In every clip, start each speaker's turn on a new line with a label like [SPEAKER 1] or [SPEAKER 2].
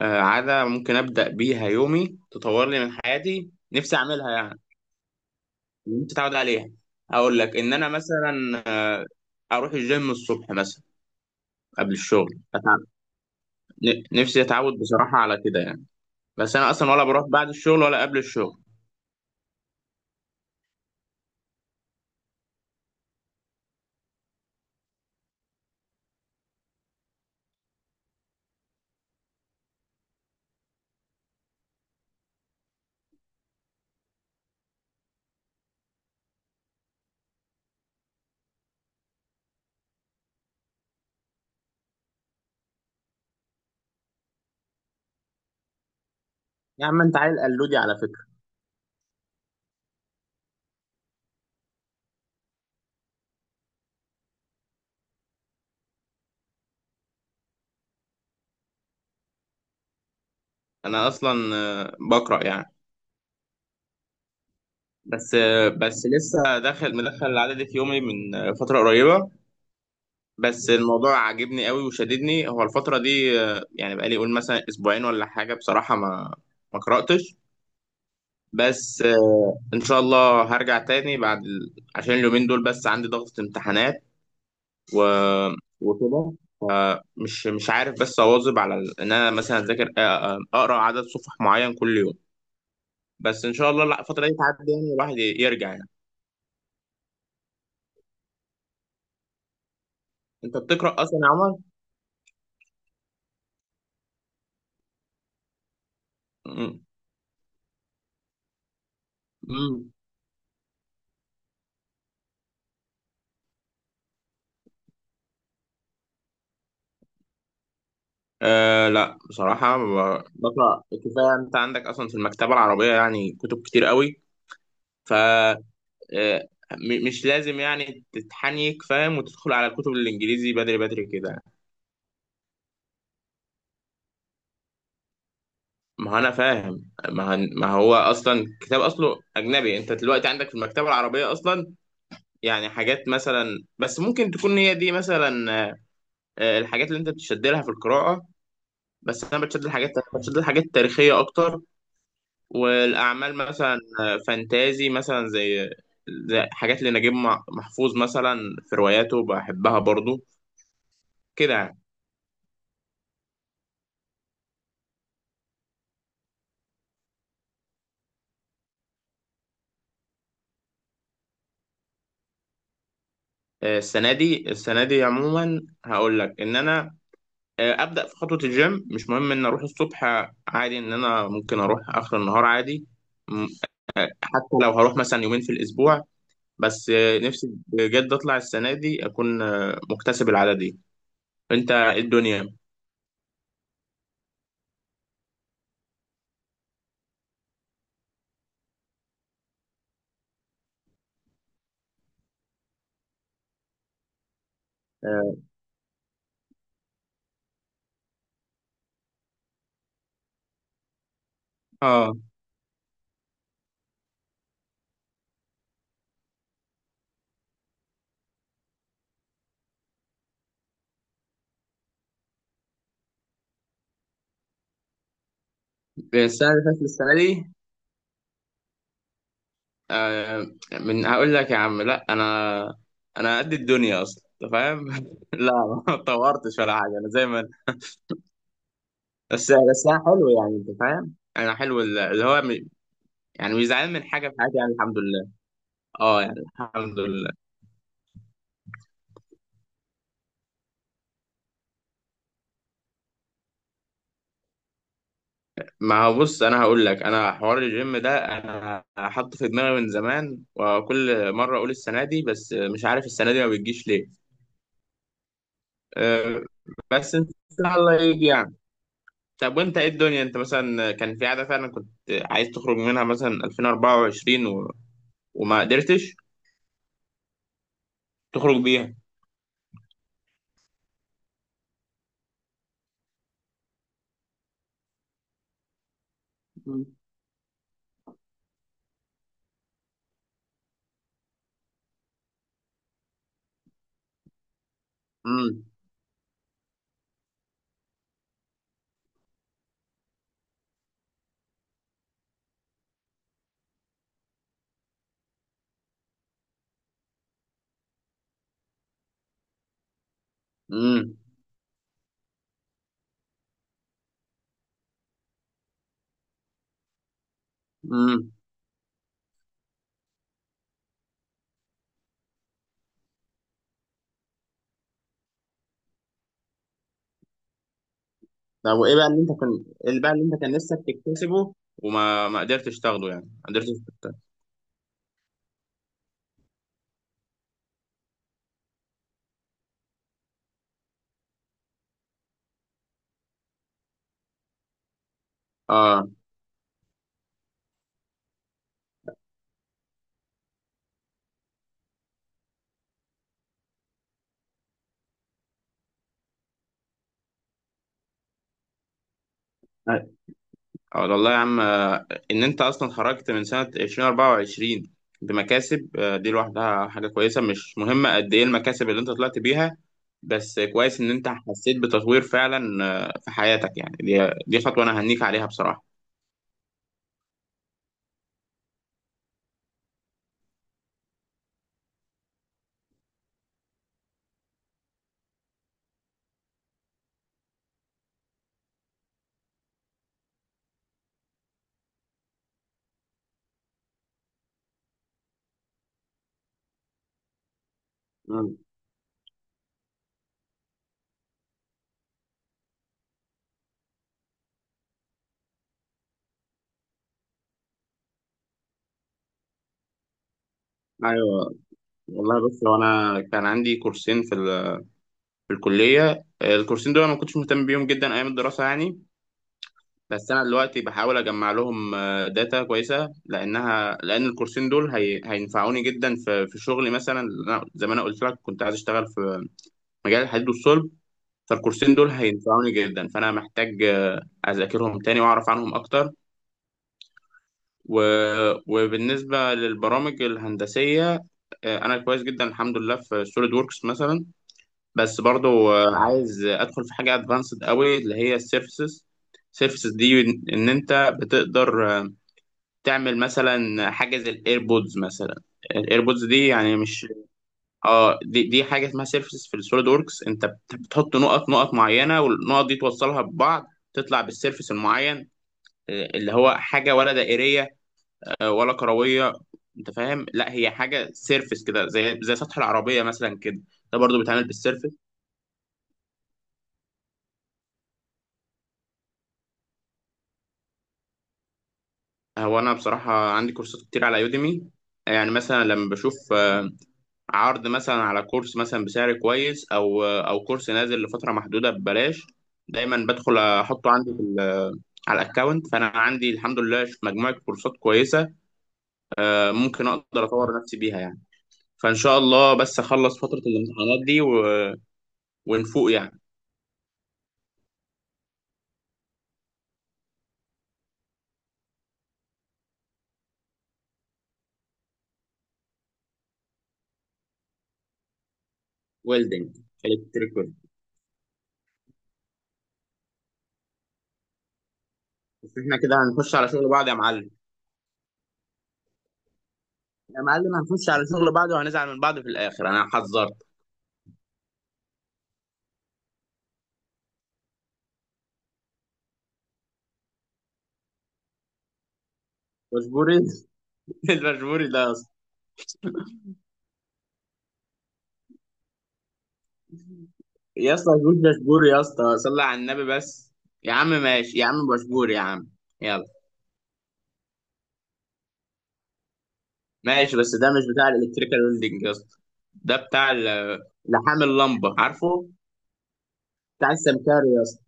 [SPEAKER 1] عادة ممكن أبدأ بيها يومي تطور لي من حياتي. نفسي أعملها يعني. نفسي أتعود عليها. أقول لك إن أنا مثلا أروح الجيم الصبح مثلا قبل الشغل أتعب. نفسي أتعود بصراحة على كده يعني. بس أنا أصلا ولا بروح بعد الشغل ولا قبل الشغل. يا عم أنت عيل قلودي على فكرة. أنا أصلا بقرأ يعني. بس لسه داخل مدخل العادة دي في يومي من فترة قريبة. بس الموضوع عاجبني قوي وشددني هو الفترة دي، يعني بقالي قول مثلا اسبوعين ولا حاجة، بصراحة ما قرأتش. بس آه، ان شاء الله هرجع تاني بعد عشان اليومين دول بس عندي ضغط امتحانات و... وكده. فمش مش عارف بس اواظب على ان انا مثلا اذاكر، اقرا عدد صفح معين كل يوم. بس ان شاء الله لا الفترة دي تعدي يعني الواحد يرجع يعني. انت بتقرأ اصلا يا عمر؟ امم أه، لا بصراحة بقرأ كفاية. أنت عندك أصلا في المكتبة العربية يعني كتب كتير قوي. ف مش لازم يعني تتحنيك فاهم وتدخل على الكتب الإنجليزي بدري بدري كده. ما هو أنا فاهم، ما هو أصلا كتاب أصله أجنبي. أنت دلوقتي عندك في المكتبة العربية أصلا يعني حاجات، مثلا بس ممكن تكون هي دي مثلا أه، آه، الحاجات اللي أنت بتشد لها في القراءة. بس أنا بتشد لحاجات تاريخية أكتر، والاعمال مثلا فانتازي، مثلا زي حاجات لنجيب محفوظ مثلا. في رواياته بحبها برضو كده يعني. السنه دي عموما هقول لك ان انا ابدا في خطوه الجيم. مش مهم ان اروح الصبح، عادي. ان انا ممكن اروح اخر النهار عادي. م- حتى لو هروح مثلا يومين في الاسبوع. بس نفسي بجد اطلع السنه دي اكون مكتسب العاده دي. انت إيه الدنيا؟ اه، السنه اللي فاتت، السنه دي، آه، من هقول لك يا عم، لا انا، انا قد الدنيا اصلا، انت فاهم. لا ما اتطورتش ولا حاجه، انا زي ما أنا. بس انا حلو يعني، انت فاهم؟ انا حلو. اللي هو يعني مش زعلان من حاجه في حياتي يعني، الحمد لله. اه يعني الحمد لله. ما هو بص، انا هقول لك، انا حوار الجيم ده انا حاطه في دماغي من زمان، وكل مره اقول السنه دي، بس مش عارف السنه دي ما بتجيش ليه. آه، بس ان شاء الله يجي. طب وانت ايه الدنيا؟ انت مثلا كان في عادة فعلا كنت عايز تخرج منها مثلا 2024 وما قدرتش تخرج بيها. مم. امم، امم، امم. طب وايه بقى اللي انت كان، ايه اللي بقى اللي انت كان نفسك تكتسبه وما ما قدرتش تاخده، يعني ما قدرتش تكتسبه. اه، اه، والله يا عم ان انت اصلا خرجت من سنة 2024 بمكاسب، دي لوحدها حاجة كويسة. مش مهمة قد ايه المكاسب اللي انت طلعت بيها، بس كويس ان انت حسيت بتطوير فعلا في حياتك. يعني دي خطوة انا هنيك عليها بصراحة. مم. ايوه، والله بص، هو انا كان عندي كورسين في الكلية. الكورسين دول أنا ما كنتش مهتم بيهم جدا ايام الدراسة يعني. بس انا دلوقتي بحاول اجمع لهم داتا كويسه، لان الكورسين دول هينفعوني جدا في شغلي. مثلا أنا زي ما انا قلت لك كنت عايز اشتغل في مجال الحديد والصلب، فالكورسين دول هينفعوني جدا. فانا محتاج اذاكرهم تاني واعرف عنهم اكتر و... وبالنسبه للبرامج الهندسيه، انا كويس جدا الحمد لله في سوليد ووركس مثلا. بس برضو عايز ادخل في حاجه ادفانسد قوي، اللي هي سيرفيسز دي ان انت بتقدر تعمل مثلا حاجه زي الايربودز مثلا. الايربودز دي يعني مش، اه، دي حاجه اسمها سيرفيسز في السوليد وركس. انت بتحط نقط نقط معينه، والنقط دي توصلها ببعض تطلع بالسيرفيس المعين، اللي هو حاجه ولا دائريه، ولا كرويه. انت فاهم؟ لا، هي حاجه سيرفيس كده، زي سطح العربيه مثلا كده. ده برضو بيتعمل بالسيرفيس. هو انا بصراحه عندي كورسات كتير على يوديمي، يعني مثلا لما بشوف عرض مثلا على كورس، مثلا بسعر كويس او كورس نازل لفتره محدوده ببلاش، دايما بدخل احطه عندي على الاكونت. فانا عندي الحمد لله مجموعه كورسات كويسه ممكن اقدر اطور نفسي بيها يعني. فان شاء الله بس اخلص فتره الامتحانات دي ونفوق يعني. ويلدنج، الكتريك ويلدنج. بس احنا كده هنخش على شغل بعض يا معلم. يا معلم هنخش على شغل بعض وهنزعل من بعض في الاخر، انا حذرت. مجبوري. المجبوري ده، يا اسطى جود بشبور. يا اسطى صلي على النبي بس. يا عم ماشي يا عم، بشبور يا عم. يلا، ماشي، بس ده مش بتاع الالكتريكال ويلدنج يا اسطى. ده بتاع لحام اللمبه، عارفه، بتاع السمكاري يا اسطى.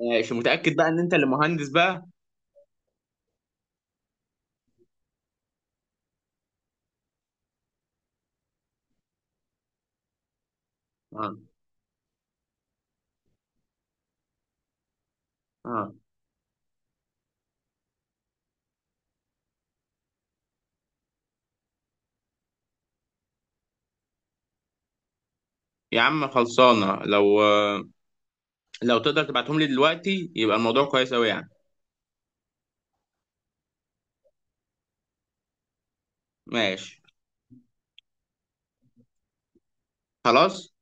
[SPEAKER 1] ماشي، متأكد بقى ان انت اللي مهندس بقى. اه، اه، يا عم خلصانه، لو تقدر تبعتهم لي دلوقتي يبقى الموضوع كويس قوي يعني. ماشي، خلاص.